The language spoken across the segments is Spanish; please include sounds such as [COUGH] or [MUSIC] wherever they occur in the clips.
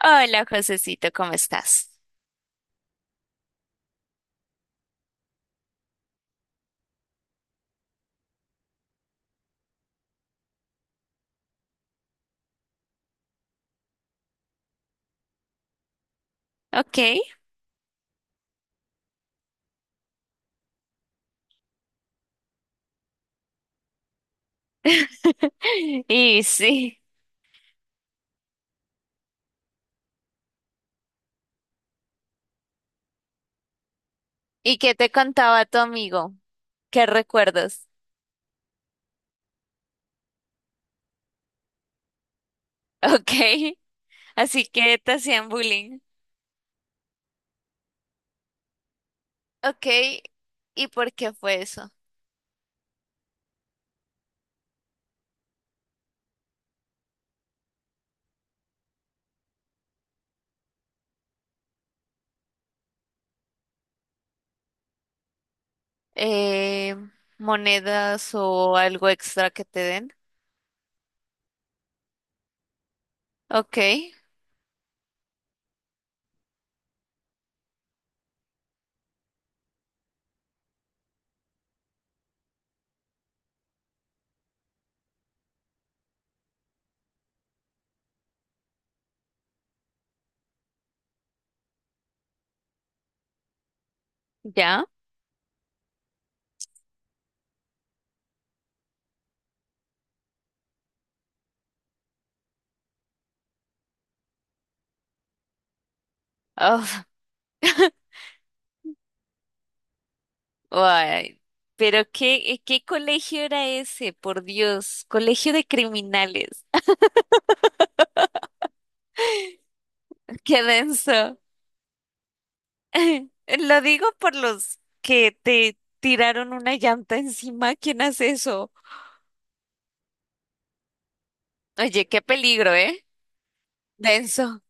Hola, Josecito, ¿cómo estás? Ok. [LAUGHS] Y sí. ¿Y qué te contaba tu amigo? ¿Qué recuerdos? [LAUGHS] Ok. Así que te hacían bullying. Ok. ¿Y por qué fue eso? Eh, ¿Monedas o algo extra que te den? Ok. ¿Ya? Oh, ay, pero qué, ¿qué colegio era ese? Por Dios, colegio de criminales. [LAUGHS] Qué denso. [LAUGHS] Lo digo por los que te tiraron una llanta encima. ¿Quién hace eso? Oye, qué peligro, ¿eh? Denso.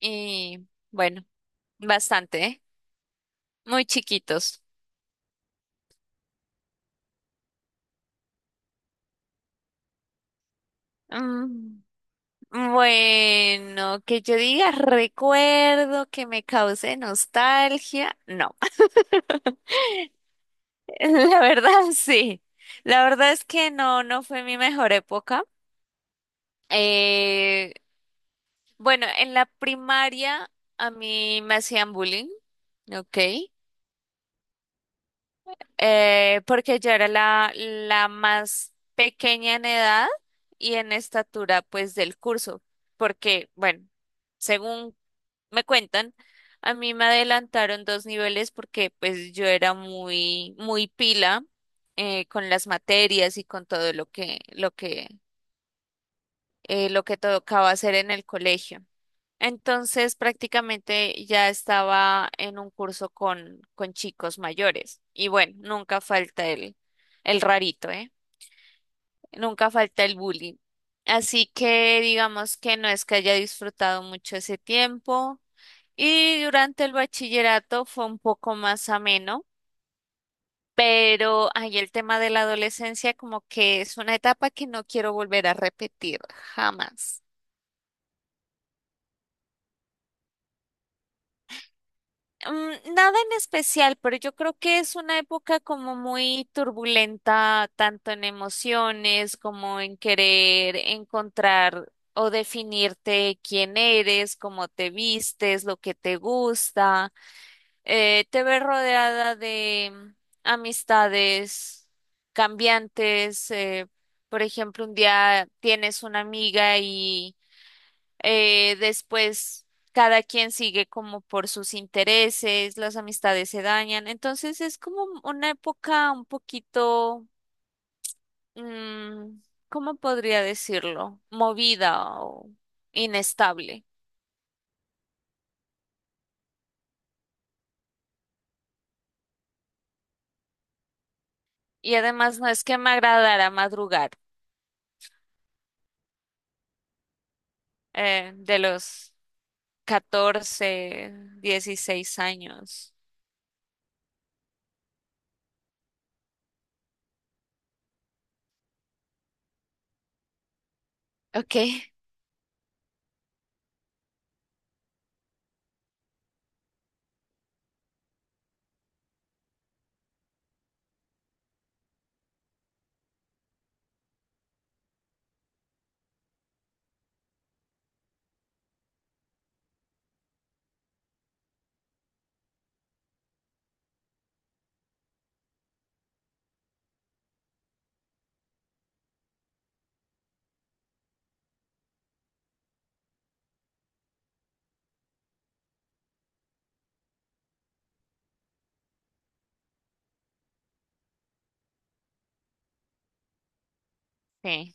Y bueno, bastante, ¿eh? Muy chiquitos. Mm, bueno, que yo diga recuerdo que me cause nostalgia. No, [LAUGHS] la verdad sí. La verdad es que no, no fue mi mejor época. Eh, Bueno, en la primaria a mí me hacían bullying, ¿ok? Porque yo era la más pequeña en edad y en estatura, pues, del curso. Porque, bueno, según me cuentan, a mí me adelantaron dos niveles porque, pues, yo era muy pila con las materias y con todo lo que tocaba hacer en el colegio. Entonces prácticamente ya estaba en un curso con chicos mayores. Y bueno, nunca falta el rarito, ¿eh? Nunca falta el bullying. Así que digamos que no es que haya disfrutado mucho ese tiempo. Y durante el bachillerato fue un poco más ameno, pero ahí el tema de la adolescencia como que es una etapa que no quiero volver a repetir jamás. Nada en especial, pero yo creo que es una época como muy turbulenta, tanto en emociones como en querer encontrar o definirte quién eres, cómo te vistes, lo que te gusta. Te ves rodeada de amistades cambiantes. Por ejemplo, un día tienes una amiga y después, cada quien sigue como por sus intereses, las amistades se dañan. Entonces es como una época un poquito, mm, ¿cómo podría decirlo? Movida o inestable. Y además no es que me agradara madrugar de los 14 16 años. Ok, sí.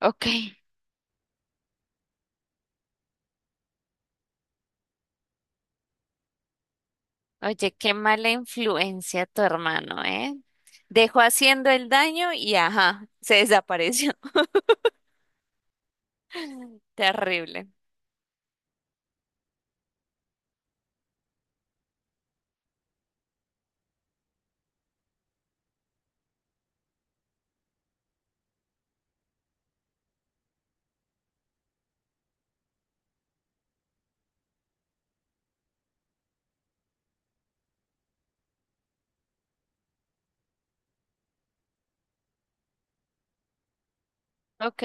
Ok. Oye, qué mala influencia tu hermano, ¿eh? Dejó haciendo el daño y ajá, se desapareció. [LAUGHS] Terrible. Ok,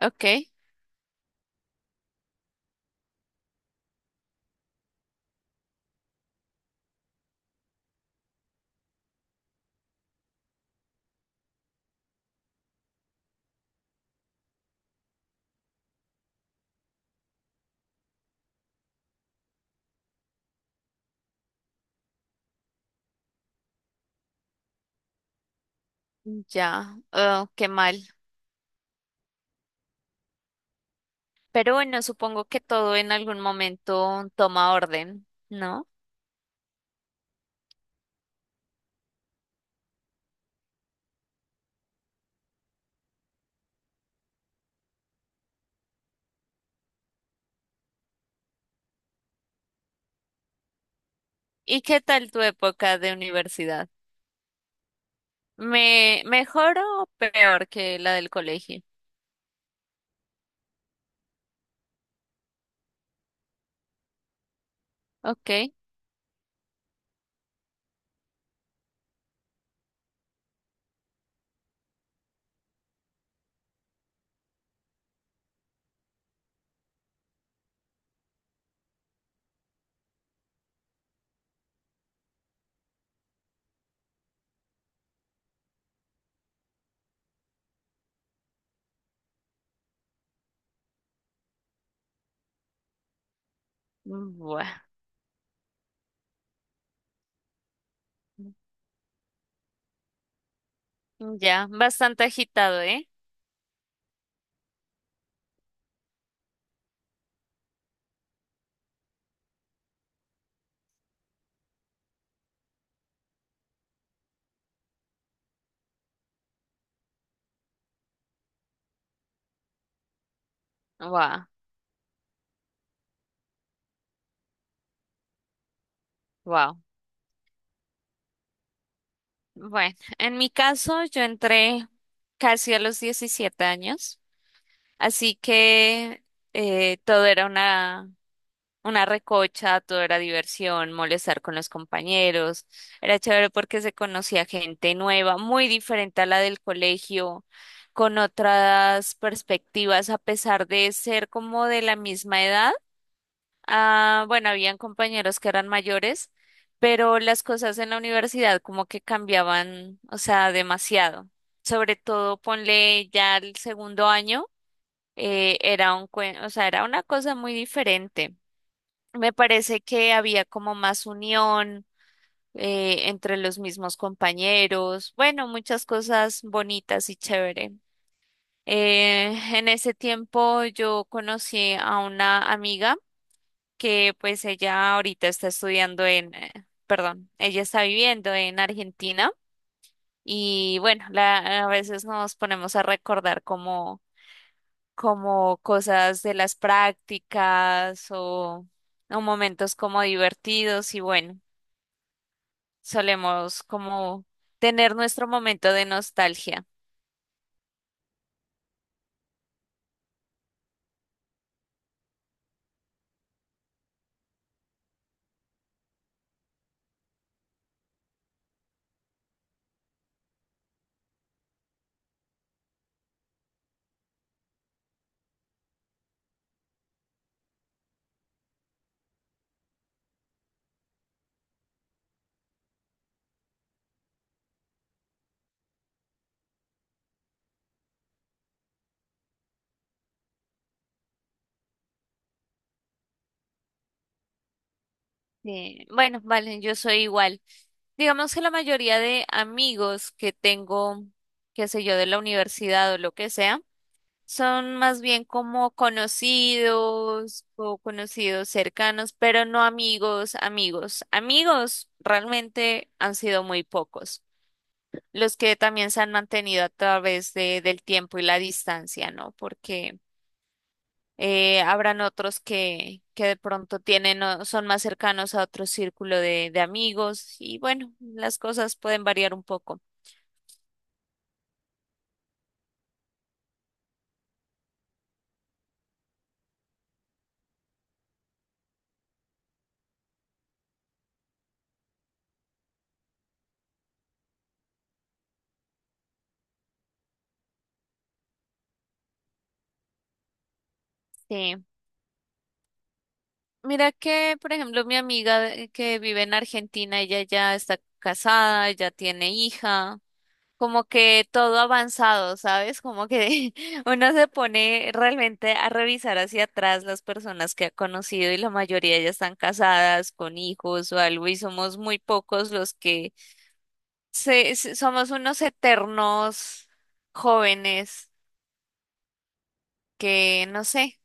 ok, ya. Oh, qué mal. Pero bueno, supongo que todo en algún momento toma orden, ¿no? ¿Y qué tal tu época de universidad? ¿Me mejor o peor que la del colegio? Ok, bueno, ya, bastante agitado, ¿eh? Wow, bueno, en mi caso yo entré casi a los 17 años, así que todo era una recocha, todo era diversión, molestar con los compañeros, era chévere porque se conocía gente nueva, muy diferente a la del colegio, con otras perspectivas, a pesar de ser como de la misma edad. Ah, bueno, habían compañeros que eran mayores, pero las cosas en la universidad como que cambiaban, o sea, demasiado. Sobre todo, ponle ya el segundo año, era un, o sea, era una cosa muy diferente. Me parece que había como más unión entre los mismos compañeros, bueno, muchas cosas bonitas y chévere. Eh, en ese tiempo yo conocí a una amiga que pues ella ahorita está estudiando en, perdón, ella está viviendo en Argentina y bueno, la, a veces nos ponemos a recordar como, como cosas de las prácticas o momentos como divertidos y bueno, solemos como tener nuestro momento de nostalgia. Bueno, vale, yo soy igual. Digamos que la mayoría de amigos que tengo, qué sé yo, de la universidad o lo que sea, son más bien como conocidos o conocidos cercanos, pero no amigos, amigos. Amigos realmente han sido muy pocos, los que también se han mantenido a través de, del tiempo y la distancia, ¿no? Porque habrán otros que de pronto tienen, o son más cercanos a otro círculo de amigos y bueno, las cosas pueden variar un poco. Sí. Mira que, por ejemplo, mi amiga que vive en Argentina, ella ya está casada, ya tiene hija, como que todo avanzado, ¿sabes? Como que [LAUGHS] uno se pone realmente a revisar hacia atrás las personas que ha conocido y la mayoría ya están casadas con hijos o algo y somos muy pocos los que somos unos eternos jóvenes que, no sé.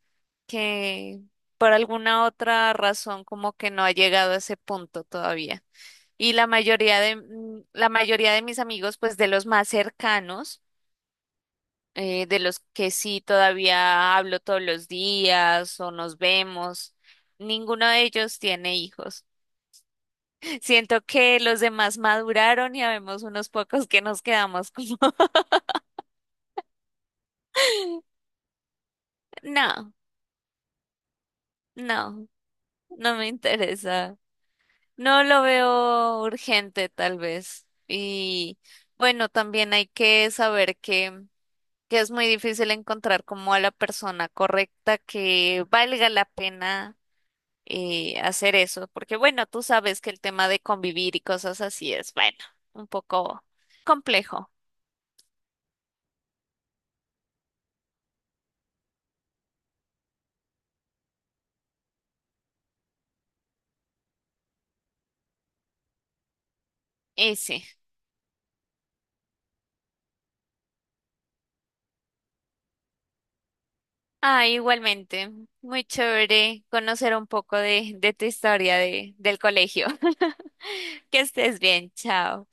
Que por alguna otra razón como que no ha llegado a ese punto todavía. Y la mayoría de, la mayoría de mis amigos, pues de los más cercanos, de los que sí todavía hablo todos los días o nos vemos, ninguno de ellos tiene hijos. [LAUGHS] Siento que los demás maduraron y habemos unos pocos que nos quedamos como, [LAUGHS] no, no, no me interesa. No lo veo urgente, tal vez. Y bueno, también hay que saber que es muy difícil encontrar como a la persona correcta que valga la pena hacer eso, porque bueno, tú sabes que el tema de convivir y cosas así es, bueno, un poco complejo. Y sí. Ah, igualmente, muy chévere conocer un poco de tu historia de, del colegio. [LAUGHS] Que estés bien, chao.